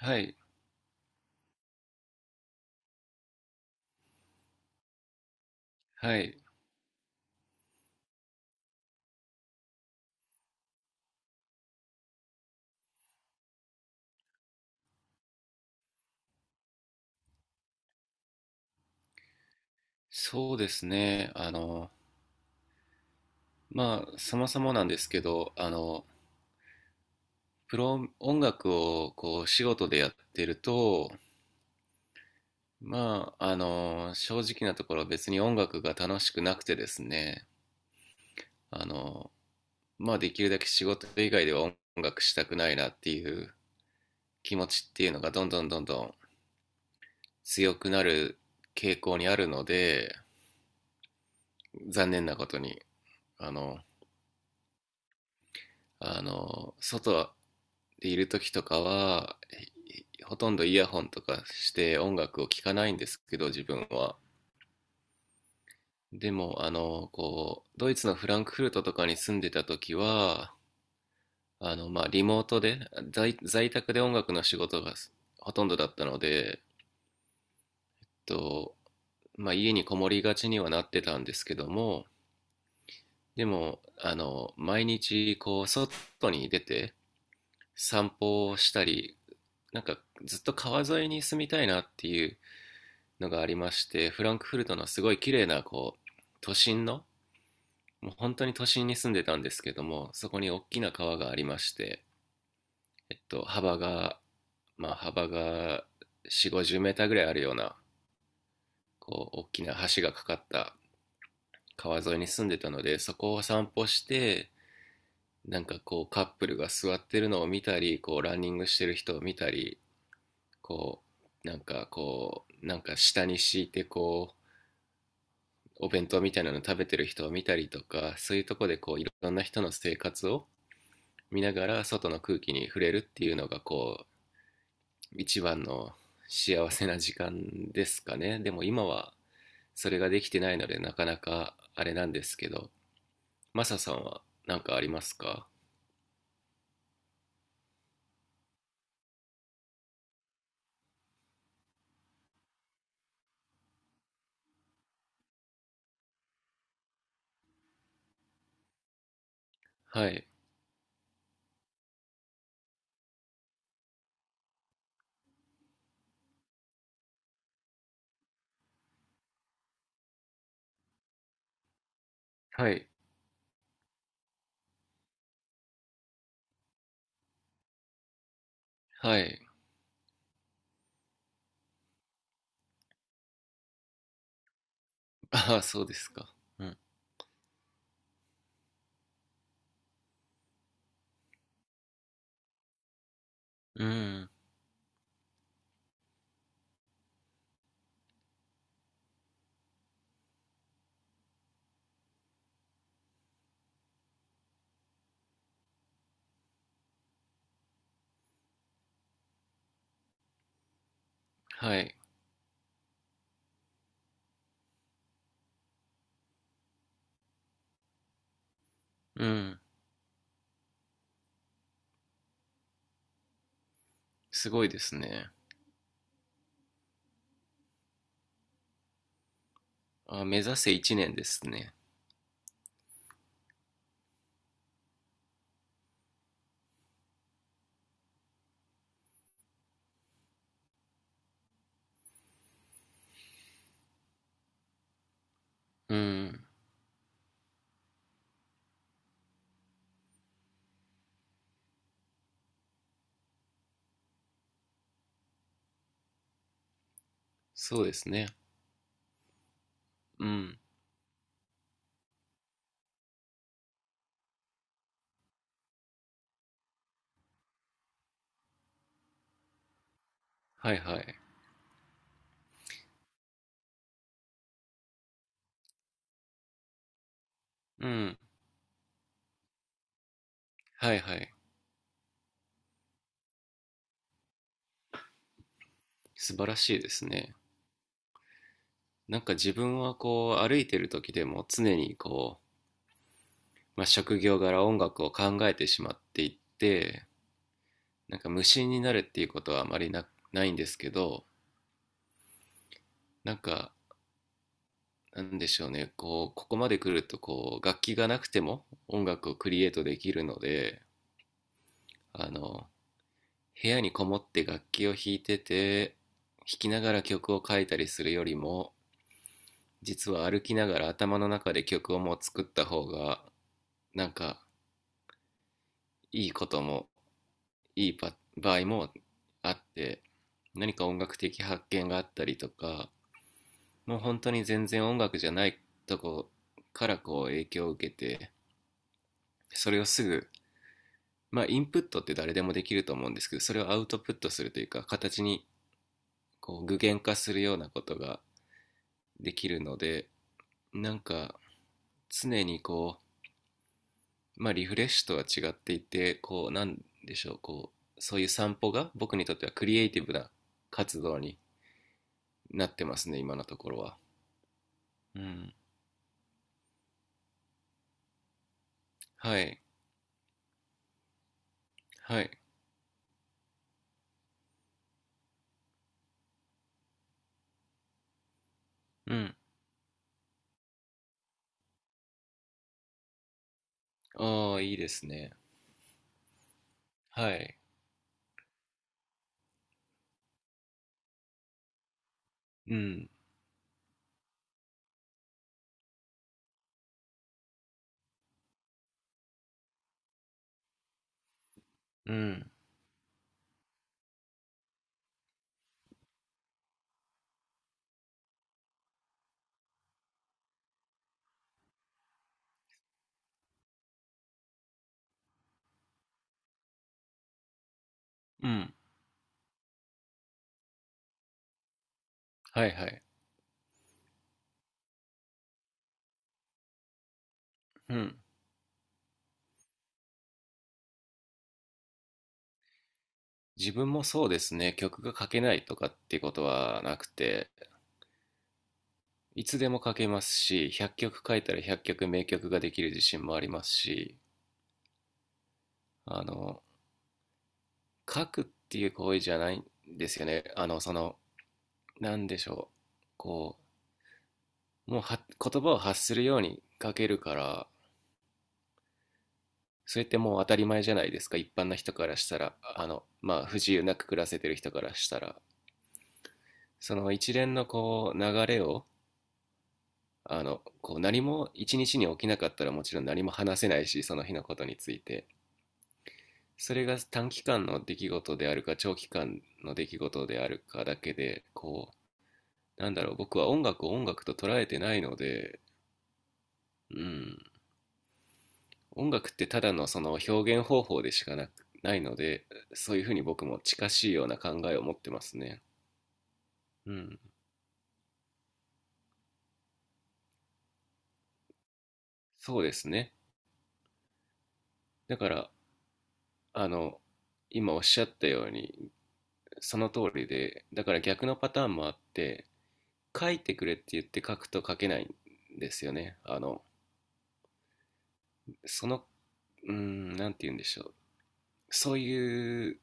はい、はい、そうですね。そもそもなんですけど、プロ音楽を仕事でやってると、正直なところ別に音楽が楽しくなくてですね、あの、できるだけ仕事以外では音楽したくないなっていう気持ちっていうのがどんどんどんどん強くなる傾向にあるので、残念なことに、あの、あの、外、でいる時とかは、ほとんどイヤホンとかして音楽を聴かないんですけど、自分は。でも、ドイツのフランクフルトとかに住んでた時は、リモートで、在宅で音楽の仕事がほとんどだったので、と、まあ、家にこもりがちにはなってたんですけども、でも、毎日、外に出て散歩をしたり、なんかずっと川沿いに住みたいなっていうのがありまして、フランクフルトのすごい綺麗な都心の、もう本当に都心に住んでたんですけども、そこに大きな川がありまして、えっと、幅が幅が450メーターぐらいあるような大きな橋がかかった川沿いに住んでたので、そこを散歩して、カップルが座ってるのを見たり、ランニングしてる人を見たり、こ下に敷いて、お弁当みたいなの食べてる人を見たりとか、そういうとこでいろんな人の生活を見ながら外の空気に触れるっていうのが一番の幸せな時間ですかね。でも今はそれができてないのでなかなかあれなんですけど、マサさんは何かありますか？はい。はい。はい。ああ、そうですか。うん。うん。はい。うん。すごいですね。あ、目指せ1年ですね。うん。そうですね。うん。はいはい。うん。はいはい。素晴らしいですね。自分はこう歩いてる時でも常に職業柄音楽を考えてしまっていって、無心になるっていうことはあまりないんですけど、なんかなんでしょうね、ここまで来ると楽器がなくても音楽をクリエイトできるので、あの、部屋にこもって楽器を弾いてて、弾きながら曲を書いたりするよりも、実は歩きながら頭の中で曲をもう作った方がなんかいいこともいいパ場合もあって、何か音楽的発見があったりとか、もう本当に全然音楽じゃないとこから影響を受けて、それをすぐ、インプットって誰でもできると思うんですけど、それをアウトプットするというか、形に具現化するようなことができるので、なんか常にリフレッシュとは違っていて、こうなんでしょうこうそういう散歩が僕にとってはクリエイティブな活動になってますね、今のところは。うん。はいはい。うん。ああ、いいですね。はい。うん。うん。うん。はいはい。うん。自分もそうですね。曲が書けないとかっていうことはなくて、いつでも書けますし、100曲書いたら100曲名曲ができる自信もありますし、あの書くっていう行為じゃないんですよね。なんでしょう。こもう言葉を発するように書けるから、それってもう当たり前じゃないですか。一般の人からしたら、不自由なく暮らせてる人からしたら。その一連の流れを、何も一日に起きなかったらもちろん何も話せないし、その日のことについて。それが短期間の出来事であるか長期間の出来事であるかだけで、なんだろう、僕は音楽を音楽と捉えてないので、うん、音楽ってただのその表現方法でしかなく、ないので、そういうふうに僕も近しいような考えを持ってますね。うん、そうですね。だから、あの、今おっしゃったように、その通りで、だから逆のパターンもあって、書いてくれって言って書くと書けないんですよね。その、うーん、なんて言うんでしょう。そういう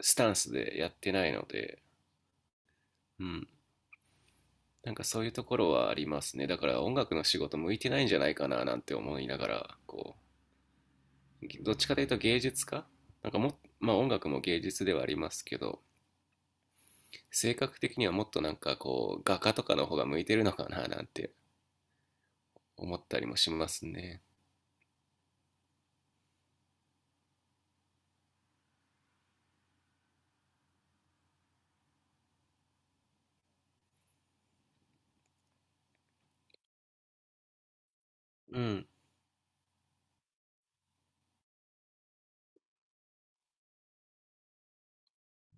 スタンスでやってないので、うん、そういうところはありますね。だから音楽の仕事向いてないんじゃないかななんて思いながら、どっちかというと芸術家なんかも、音楽も芸術ではありますけど、性格的にはもっと画家とかの方が向いてるのかななんて思ったりもしますね。うん。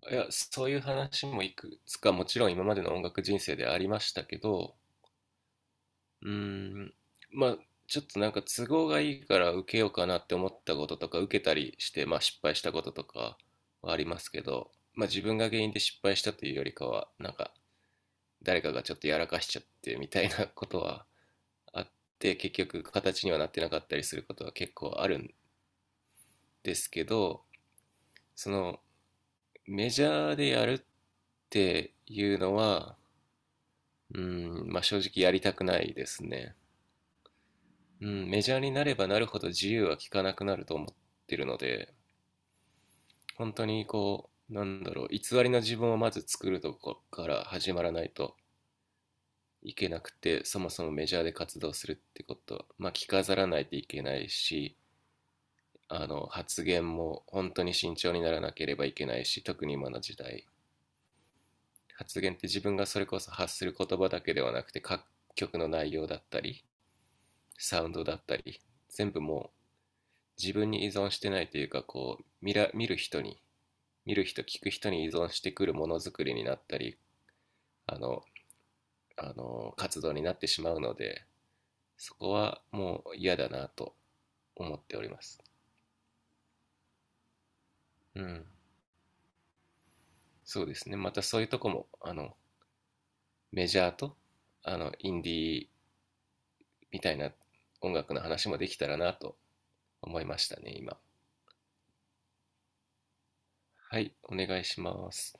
いや、そういう話もいくつかもちろん今までの音楽人生でありましたけど、うーん、まあ、ちょっと都合がいいから受けようかなって思ったこととか、受けたりして、失敗したこととかはありますけど、自分が原因で失敗したというよりかは、誰かがちょっとやらかしちゃってみたいなことはあって、結局形にはなってなかったりすることは結構あるんですけど、そのメジャーでやるっていうのは、うーん、正直やりたくないですね。うん、メジャーになればなるほど自由は利かなくなると思ってるので、本当になんだろう、偽りの自分をまず作るとこから始まらないといけなくて、そもそもメジャーで活動するってこと、着飾らないといけないし、発言も本当に慎重にならなければいけないし、特に今の時代、発言って自分がそれこそ発する言葉だけではなくて、各曲の内容だったり、サウンドだったり、全部もう自分に依存してないというか、見る人、聞く人に依存してくるものづくりになったり、あの活動になってしまうので、そこはもう嫌だなと思っております。うん。そうですね、また、そういうとこも、メジャーとインディーみたいな音楽の話もできたらなと思いましたね、今。はい、お願いします。